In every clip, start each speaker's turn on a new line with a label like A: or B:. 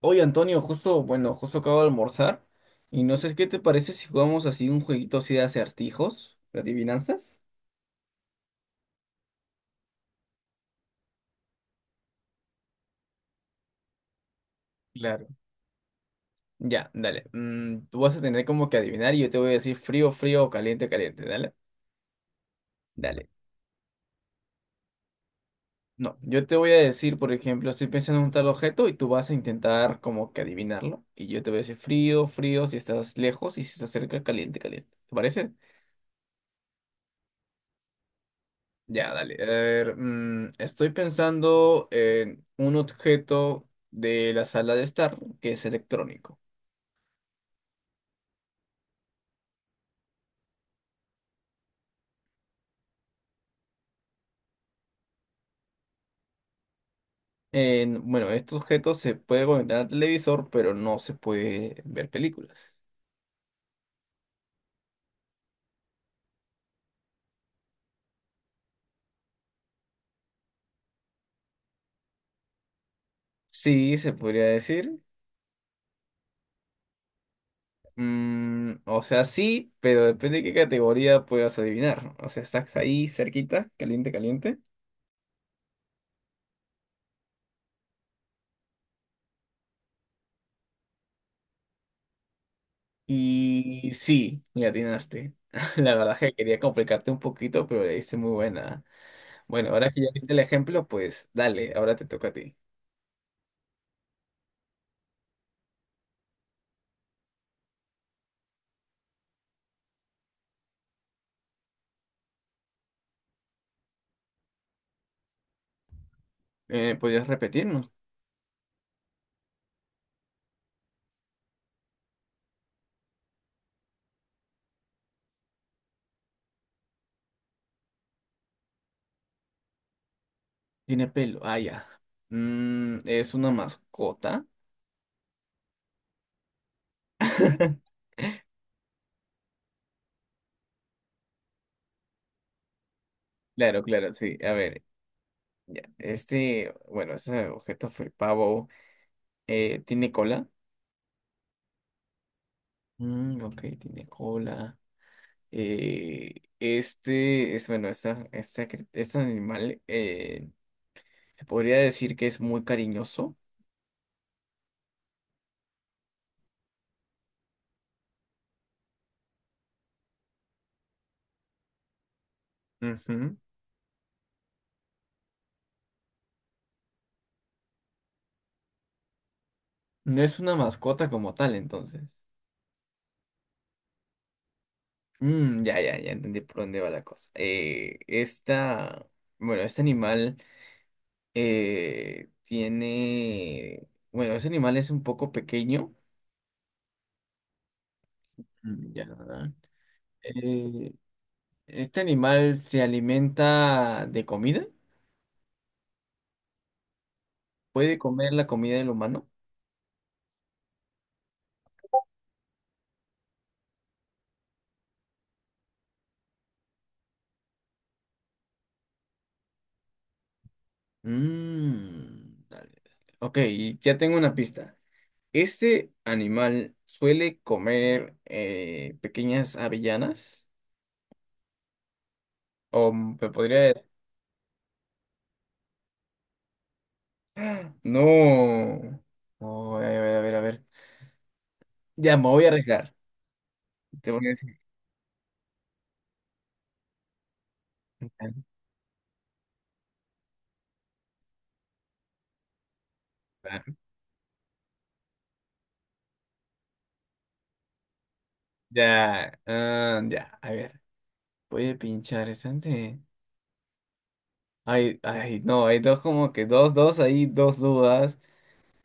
A: Oye, Antonio, justo, bueno, justo acabo de almorzar y no sé qué te parece si jugamos así un jueguito así de acertijos, de adivinanzas. Claro. Ya, dale. Tú vas a tener como que adivinar y yo te voy a decir frío, frío o caliente, caliente. Dale, dale. No, yo te voy a decir, por ejemplo, estoy pensando en un tal objeto y tú vas a intentar como que adivinarlo y yo te voy a decir frío, frío si estás lejos y si estás cerca, caliente, caliente. ¿Te parece? Ya, dale. A ver, estoy pensando en un objeto de la sala de estar que es electrónico. Bueno, este objeto se puede conectar al televisor, pero no se puede ver películas. Sí, se podría decir. Mm, o sea, sí, pero depende de qué categoría puedas adivinar. O sea, estás ahí cerquita, caliente, caliente. Y sí, le atinaste. La verdad es que quería complicarte un poquito, pero le diste muy buena. Bueno, ahora que ya viste el ejemplo, pues dale, ahora te toca a ti. ¿Podrías repetirnos? Tiene pelo. Ah, ya. ¿Es una mascota? Claro, claro, sí. A ver, ya. Este, bueno, ese objeto fue el pavo. ¿Tiene cola? Mm, ok, tiene cola. Este es, bueno, esta, cri- Este animal se podría decir que es muy cariñoso. Ujú. No es una mascota como tal, entonces. Mm, ya, ya, ya entendí por dónde va la cosa. Este animal ese animal es un poco pequeño. Mm, ya. ¿Verdad? Eh, este animal se alimenta de comida. ¿Puede comer la comida del humano? Mm, dale, dale. Ok, y ya tengo una pista. Este animal suele comer pequeñas avellanas, o te podría. No. No, a ver, a ver, a ver. Ya, me voy a arriesgar. Te voy a decir. Ya, ah, ya, a ver. Voy a pinchar esta ante- Ay, ay, no, hay dos como que dos, hay dos dudas.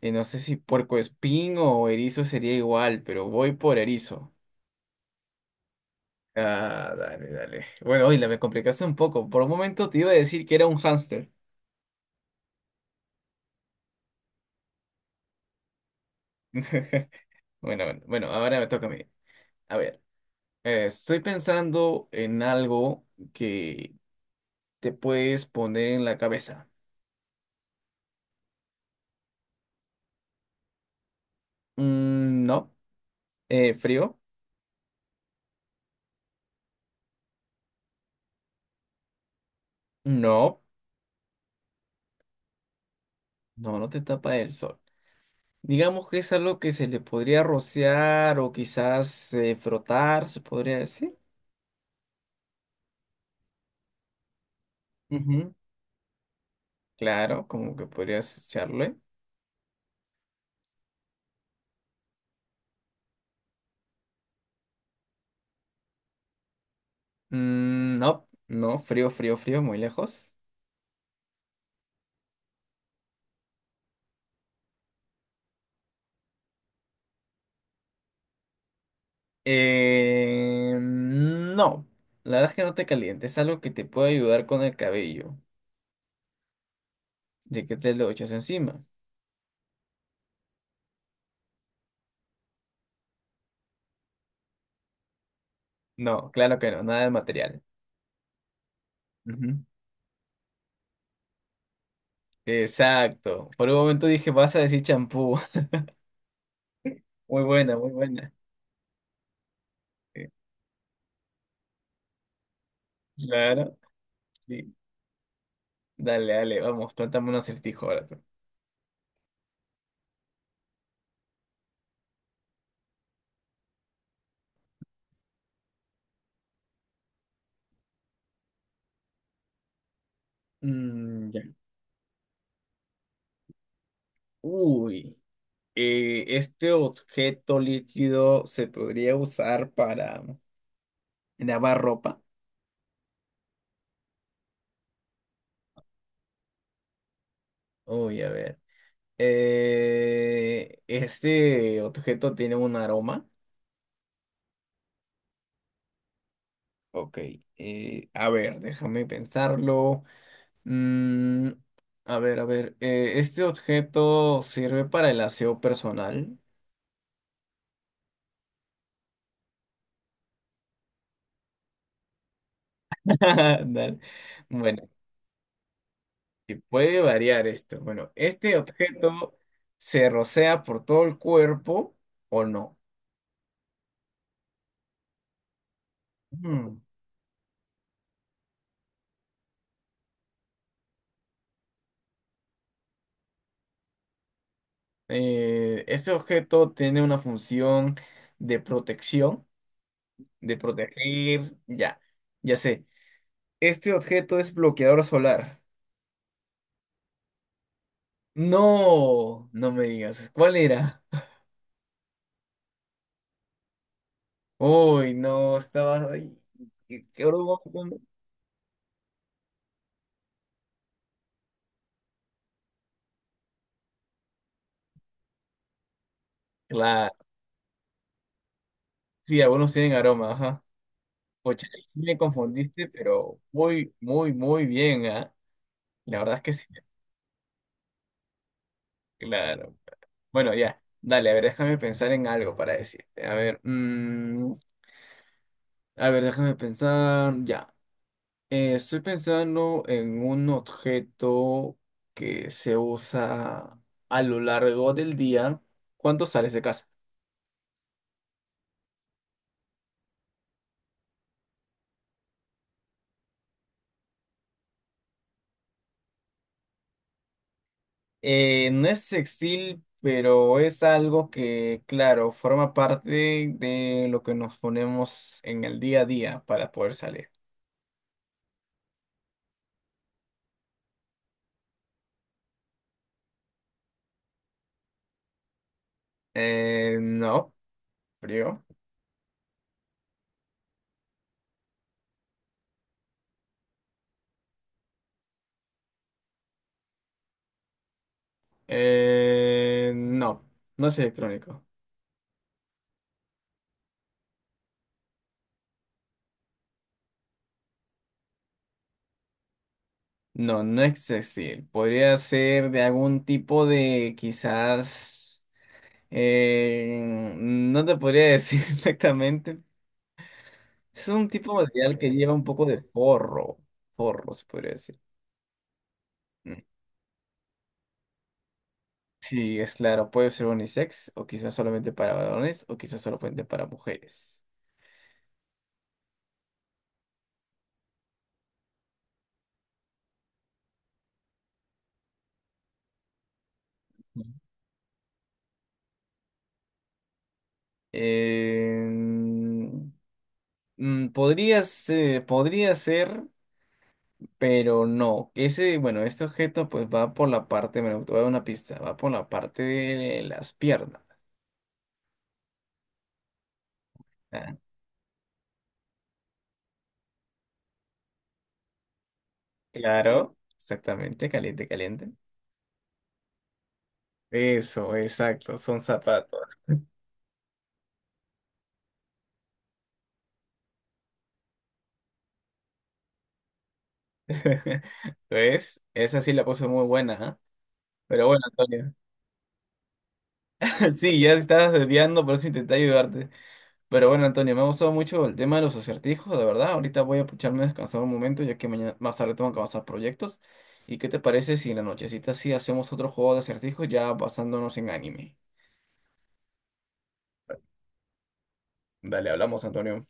A: Y no sé si puerco espín o erizo sería igual, pero voy por erizo. Ah, dale, dale. Bueno, hoy la me complicaste un poco. Por un momento te iba a decir que era un hámster. Bueno, bueno, bueno, ahora me toca a mí. A ver. Estoy pensando en algo que te puedes poner en la cabeza. Mm, no. ¿Frío? No. No, no te tapa el sol. Digamos que es algo que se le podría rociar o quizás frotar, se podría decir. Ujú, claro, como que podrías echarle. Mm, no, no, frío, frío, frío, muy lejos. No, la verdad es que no te calientes, es algo que te puede ayudar con el cabello, de que te lo echas encima. No, claro que no, nada de material. Ujú. Exacto. Por un momento dije, vas a decir champú. Muy buena, muy buena. Eh, Claro, sí. Dale, dale, vamos, plantame un acertijo ahora tú. Mm, ya. Uy. ¿Este objeto líquido se podría usar para lavar ropa? Uy, a ver. ¿Este objeto tiene un aroma? Ok, a ver, déjame pensarlo. Mm, a ver, a ver. ¿Este objeto sirve para el aseo personal? Dale. Bueno, y puede variar esto. Bueno, ¿este objeto se rocea por todo el cuerpo o no? Mm, ¿este objeto tiene una función de protección, de proteger? Ya, ya sé. ¿Este objeto es bloqueador solar? No, no me digas. ¿Cuál era? Uy, no, estaba ahí. ¿Qué aroma? ¿Cómo? Claro, sí, algunos tienen aroma, ajá. Pucha, ahí sí me confundiste, pero muy, muy, muy bien, ¿ah? La verdad es que sí, claro. Bueno, ya, dale, a ver, déjame pensar en algo para decirte. A ver, a ver, déjame pensar, ya. Estoy pensando en un objeto que se usa a lo largo del día cuando sales de casa. No es sextil, pero es algo que, claro, forma parte de lo que nos ponemos en el día a día para poder salir. No, frío. No, no es electrónico. No, no es sextil. Podría ser de algún tipo de, quizás, eh, no te podría decir exactamente. Es un tipo de material que lleva un poco de forro. Forro, se podría decir. Sí, es claro, puede ser unisex, o quizás solamente para varones, o quizás solamente para mujeres. Ujú. Em, podría ser, pero no. Ese, bueno, este objeto pues va por la parte, me voy a dar una pista, va por la parte de las piernas. Ah, claro, exactamente, caliente, caliente. Eso, exacto, son zapatos. Pues, esa sí la puse muy buena, ¿ah? Pero bueno, Antonio. Sí, ya estabas desviando, por eso intenté ayudarte. Pero bueno, Antonio, me ha gustado mucho el tema de los acertijos, la verdad. Ahorita voy a echarme a descansar un momento, ya que mañana más tarde tengo que avanzar proyectos. ¿Y qué te parece si en la nochecita sí hacemos otro juego de acertijos ya basándonos en anime? Dale, hablamos, Antonio.